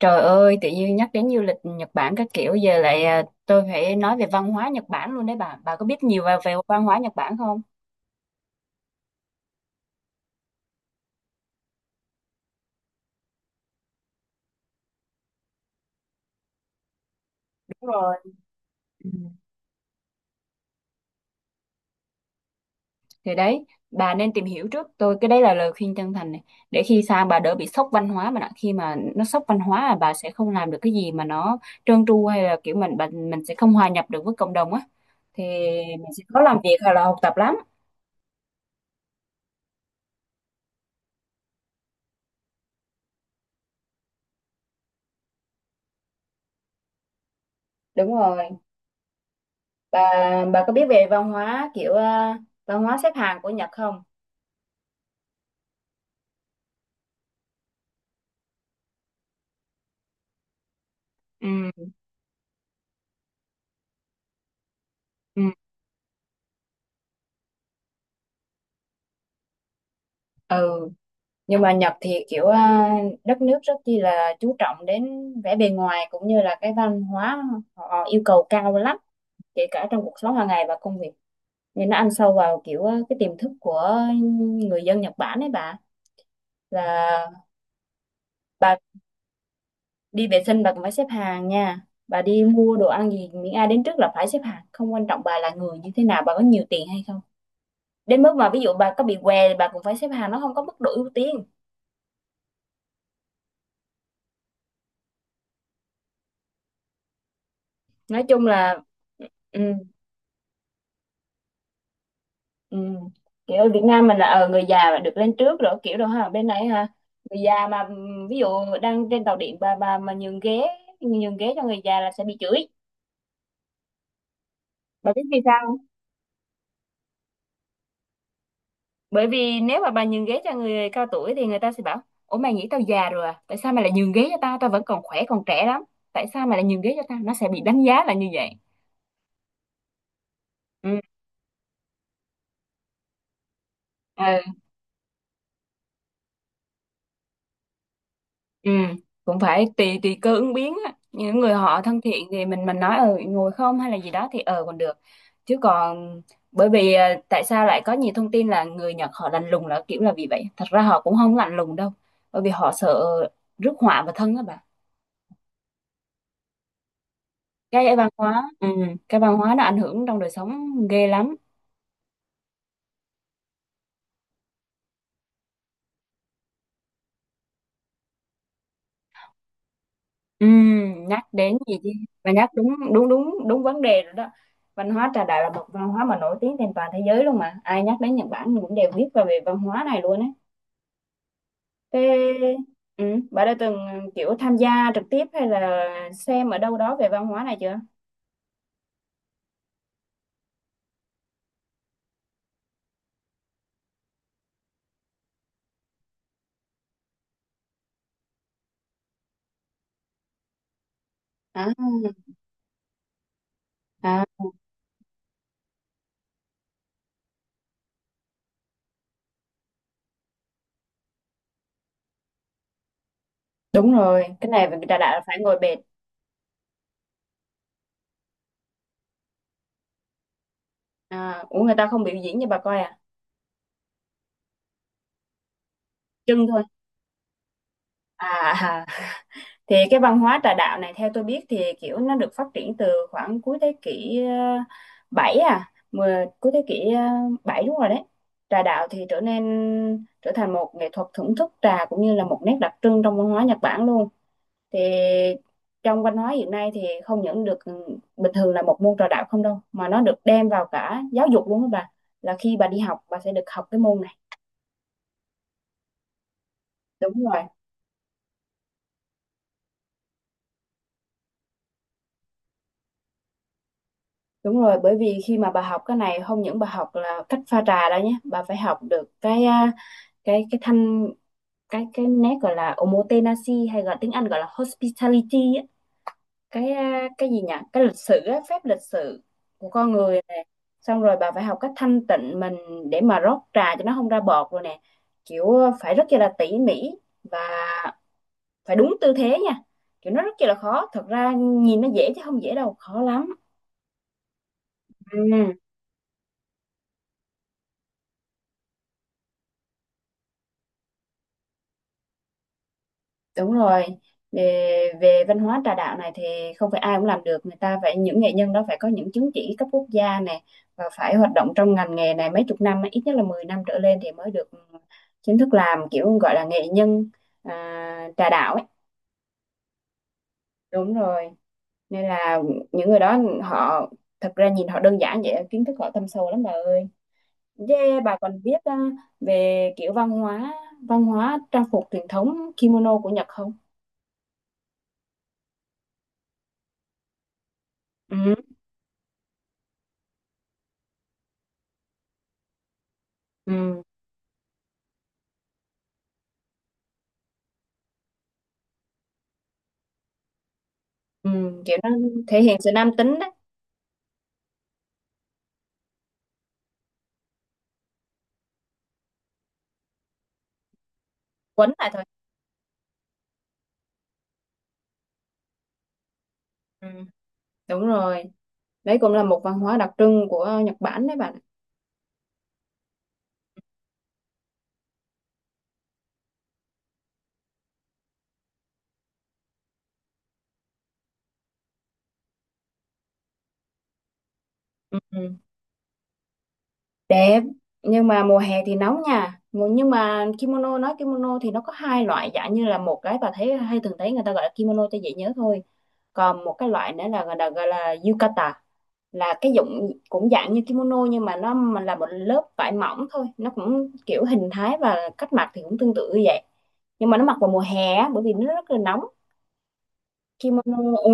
Trời ơi, tự nhiên nhắc đến du lịch Nhật Bản các kiểu giờ lại tôi phải nói về văn hóa Nhật Bản luôn đấy bà. Bà có biết nhiều về văn hóa Nhật Bản không? Đúng rồi. Ừ. Thì đấy, bà nên tìm hiểu trước. Tôi cái đấy là lời khuyên chân thành này. Để khi sang bà đỡ bị sốc văn hóa mà đã. Khi mà nó sốc văn hóa là bà sẽ không làm được cái gì mà nó trơn tru, hay là kiểu mình sẽ không hòa nhập được với cộng đồng á. Thì mình sẽ khó làm việc hoặc là học tập lắm. Đúng rồi. Bà bà có biết về văn hóa kiểu văn hóa xếp hàng của Nhật không? Ừ. Ừ. ừ nhưng mà Nhật thì kiểu đất nước rất chi là chú trọng đến vẻ bề ngoài cũng như là cái văn hóa, họ yêu cầu cao lắm, kể cả trong cuộc sống hàng ngày và công việc, nên nó ăn sâu vào kiểu cái tiềm thức của người dân Nhật Bản ấy bà. Là bà đi vệ sinh bà cũng phải xếp hàng nha, bà đi mua đồ ăn gì miễn ai đến trước là phải xếp hàng, không quan trọng bà là người như thế nào, bà có nhiều tiền hay không, đến mức mà ví dụ bà có bị què thì bà cũng phải xếp hàng, nó không có mức độ ưu tiên. Nói chung là ừ, ừ. Kiểu ở Việt Nam mình là người già là được lên trước rồi, kiểu đó ha, bên này ha, người già mà ví dụ đang trên tàu điện, bà mà nhường ghế, nhường ghế cho người già là sẽ bị chửi. Bà biết vì sao không? Bởi vì nếu mà bà nhường ghế cho người cao tuổi thì người ta sẽ bảo ủa, mày nghĩ tao già rồi à, tại sao mày lại nhường ghế cho tao, tao vẫn còn khỏe còn trẻ lắm, tại sao mày lại nhường ghế cho tao? Nó sẽ bị đánh giá là như vậy. Ừ. Ừ, cũng phải tùy tùy cơ ứng biến á. Những người họ thân thiện thì mình nói ngồi không hay là gì đó thì còn được. Chứ còn bởi vì tại sao lại có nhiều thông tin là người Nhật họ lạnh lùng là kiểu là vì vậy. Thật ra họ cũng không lạnh lùng đâu. Bởi vì họ sợ rước họa vào thân á bà. Cái văn hóa, cái văn hóa nó ảnh hưởng trong đời sống ghê lắm. Nhắc đến gì chứ mà nhắc đúng đúng đúng đúng vấn đề rồi đó. Văn hóa trà đạo là một văn hóa mà nổi tiếng trên toàn thế giới luôn, mà ai nhắc đến Nhật Bản thì cũng đều biết về về văn hóa này luôn á. Thế ừ, bà đã từng kiểu tham gia trực tiếp hay là xem ở đâu đó về văn hóa này chưa? à, à Đúng rồi, cái này trà đạo là phải ngồi bệt. Ủa, người ta không biểu diễn cho bà coi à? Trưng thôi. À, thì cái văn hóa trà đạo này theo tôi biết thì kiểu nó được phát triển từ khoảng cuối thế kỷ 7, cuối thế kỷ 7, đúng rồi đấy. Trà đạo thì trở thành một nghệ thuật thưởng thức trà cũng như là một nét đặc trưng trong văn hóa Nhật Bản luôn. Thì trong văn hóa hiện nay thì không những được bình thường là một môn trà đạo không đâu, mà nó được đem vào cả giáo dục luôn các bà. Là khi bà đi học bà sẽ được học cái môn này. Đúng rồi. Đúng rồi, bởi vì khi mà bà học cái này không những bà học là cách pha trà đó nhé, bà phải học được cái cái thanh, cái nét gọi là omotenashi, hay gọi tiếng Anh gọi là hospitality á, cái cái gì nhỉ? Cái lịch sử á, phép lịch sự của con người nè. Xong rồi bà phải học cách thanh tịnh mình để mà rót trà cho nó không ra bọt rồi nè. Kiểu phải rất là tỉ mỉ và phải đúng tư thế nha. Kiểu nó rất là khó, thật ra nhìn nó dễ chứ không dễ đâu, khó lắm. Ừ. Đúng rồi, về văn hóa trà đạo này thì không phải ai cũng làm được, người ta phải những nghệ nhân đó phải có những chứng chỉ cấp quốc gia này, và phải hoạt động trong ngành nghề này mấy chục năm, ít nhất là 10 năm trở lên thì mới được chính thức làm kiểu gọi là nghệ nhân trà đạo ấy. Đúng rồi, nên là những người đó họ, thật ra nhìn họ đơn giản vậy, kiến thức họ thâm sâu lắm bà ơi. Yeah, bà còn biết về kiểu văn hóa, văn hóa trang phục truyền thống kimono của Nhật không? Ừ. Ừ. Ừ, kiểu nó thể hiện sự nam tính đấy. Quấn lại thôi. Ừm, đúng rồi, đấy cũng là một văn hóa đặc trưng của Nhật Bản đấy bạn. Ừm, đẹp, nhưng mà mùa hè thì nóng nha. Nhưng mà kimono, nói kimono thì nó có hai loại, dạng như là một cái bà thấy hay thường thấy người ta gọi là kimono cho dễ nhớ thôi, còn một cái loại nữa là gọi là yukata, là cái dụng cũng dạng như kimono nhưng mà nó mà là một lớp vải mỏng thôi, nó cũng kiểu hình thái và cách mặc thì cũng tương tự như vậy, nhưng mà nó mặc vào mùa hè á, bởi vì nó rất là nóng. Kimono, ừ.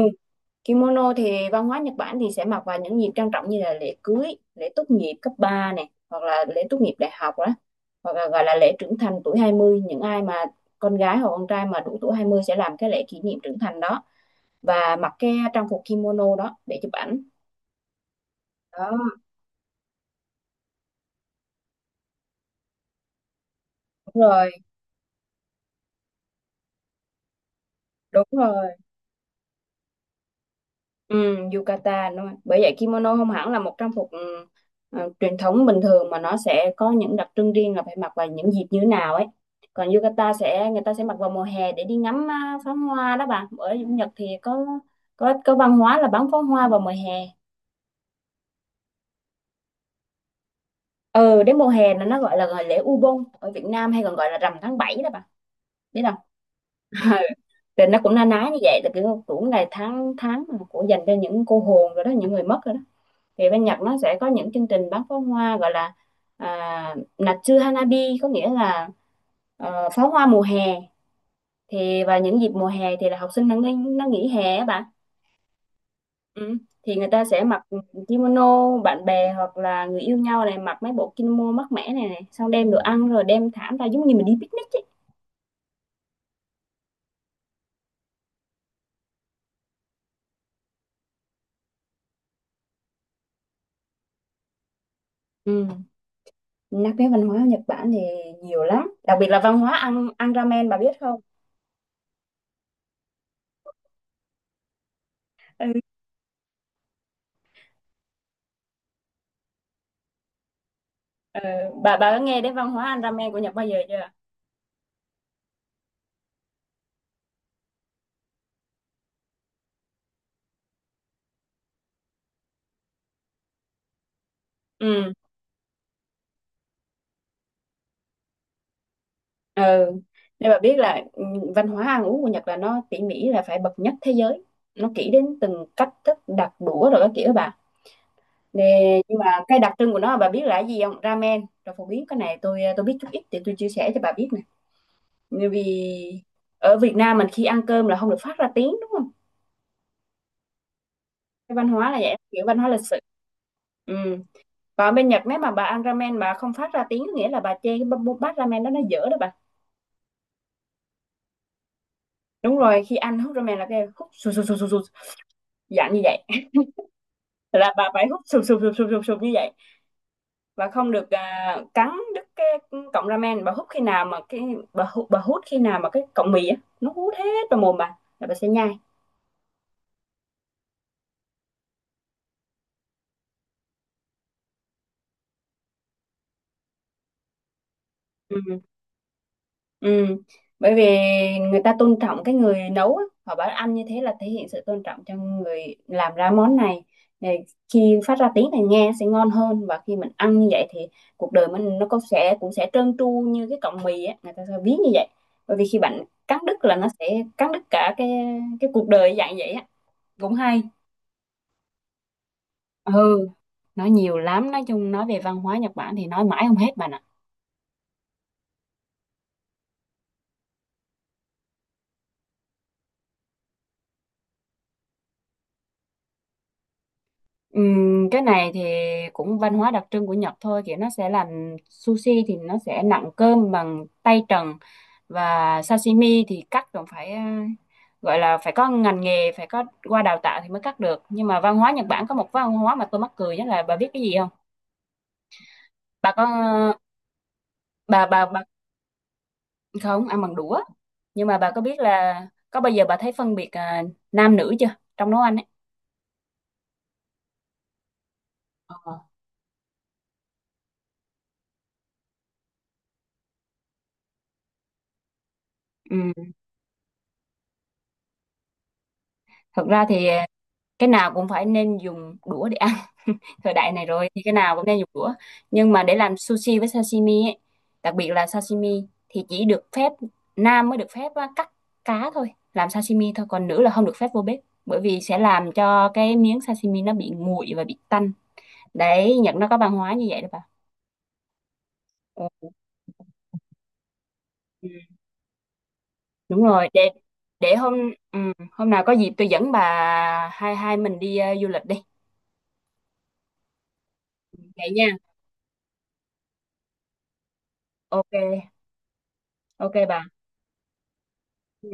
Kimono thì văn hóa Nhật Bản thì sẽ mặc vào những dịp trang trọng như là lễ cưới, lễ tốt nghiệp cấp 3 này, hoặc là lễ tốt nghiệp đại học đó, hoặc là gọi là lễ trưởng thành tuổi 20, những ai mà con gái hoặc con trai mà đủ tuổi 20 sẽ làm cái lễ kỷ niệm trưởng thành đó và mặc cái trang phục kimono đó để chụp ảnh. Đó, đúng rồi, đúng rồi. Ừ, yukata đúng rồi. Bởi vậy kimono không hẳn là một trang phục truyền thống bình thường, mà nó sẽ có những đặc trưng riêng là phải mặc vào những dịp như thế nào ấy. Còn yukata sẽ người ta sẽ mặc vào mùa hè để đi ngắm pháo hoa đó bà. Ở Nhật thì có có văn hóa là bắn pháo hoa vào mùa hè. Ừ, đến mùa hè là nó gọi là lễ Ubon, ở Việt Nam hay còn gọi là rằm tháng 7 đó bà. Biết không? Thì nó cũng na ná như vậy, là kiểu cũng là tháng tháng mà của dành cho những cô hồn rồi đó, những người mất rồi đó. Thì bên Nhật nó sẽ có những chương trình bắn pháo hoa gọi là Natsu Hanabi, có nghĩa là pháo hoa mùa hè. Thì vào những dịp mùa hè thì là học sinh nó nghỉ hè á bạn. Ừ. Thì người ta sẽ mặc kimono, bạn bè hoặc là người yêu nhau này mặc mấy bộ kimono mát mẻ này, này xong đem đồ ăn rồi đem thảm ra giống như mình đi picnic ấy. Ừ. Nhắc đến văn hóa Nhật Bản thì nhiều lắm, đặc biệt là văn hóa ăn ăn ramen, bà biết không? Ừ. Ờ, bà có nghe đến văn hóa ăn ramen của Nhật bao giờ chưa? Ừ ừ. Nên bà biết là văn hóa ăn uống của Nhật là nó tỉ mỉ là phải bậc nhất thế giới, nó kỹ đến từng cách thức đặt đũa rồi các kiểu đó bà. Nè, nhưng mà cái đặc trưng của nó bà biết là cái gì không? Ramen rồi phổ biến, cái này tôi biết chút ít thì tôi chia sẻ cho bà biết nè. Bởi vì ở Việt Nam mình khi ăn cơm là không được phát ra tiếng đúng không? Cái văn hóa là vậy, kiểu văn hóa lịch sự. Ừ. Còn bên Nhật nếu mà bà ăn ramen bà không phát ra tiếng có nghĩa là bà chê cái bát bát ramen đó nó dở đó bà. Đúng rồi, khi ăn hút ramen là cái hút sù sù sù sù sù, dạng như vậy, là bà phải hút sụp sụp sụp sụp sụp sụp như vậy, và không được cắn đứt cái cọng ramen. Bà hút khi nào mà cái bà hút khi nào mà cái cọng mì á nó hút hết vào mồm bà là bà sẽ nhai. Ừ. Ừ, bởi vì người ta tôn trọng cái người nấu á, họ bảo ăn như thế là thể hiện sự tôn trọng cho người làm ra món này, để khi phát ra tiếng này nghe sẽ ngon hơn, và khi mình ăn như vậy thì cuộc đời mình nó cũng sẽ trơn tru như cái cọng mì á, người ta sẽ ví như vậy. Bởi vì khi bạn cắn đứt là nó sẽ cắn đứt cả cái cuộc đời dạng vậy á, cũng hay. Ừ, nói nhiều lắm, nói chung nói về văn hóa Nhật Bản thì nói mãi không hết bạn ạ. Cái này thì cũng văn hóa đặc trưng của Nhật thôi, kiểu nó sẽ làm sushi thì nó sẽ nặn cơm bằng tay trần, và sashimi thì cắt còn phải gọi là phải có ngành nghề, phải có qua đào tạo thì mới cắt được. Nhưng mà văn hóa Nhật Bản có một văn hóa mà tôi mắc cười nhất là bà biết cái gì không? Bà có bà không ăn bằng đũa, nhưng mà bà có biết là có bao giờ bà thấy phân biệt nam nữ chưa, trong nấu ăn ấy? Ờ. Ừm, thật ra thì cái nào cũng phải nên dùng đũa để ăn, thời đại này rồi thì cái nào cũng nên dùng đũa. Nhưng mà để làm sushi với sashimi ấy, đặc biệt là sashimi thì chỉ được phép, nam mới được phép á, cắt cá thôi, làm sashimi thôi, còn nữ là không được phép vô bếp, bởi vì sẽ làm cho cái miếng sashimi nó bị nguội và bị tanh. Đấy, Nhật nó có văn hóa như vậy đó bà. Ồ, ừ, đúng rồi. Để để hôm ừ, hôm nào có dịp tôi dẫn bà hai hai mình đi du lịch đi. Vậy nha. Ok ok bà. Ừ.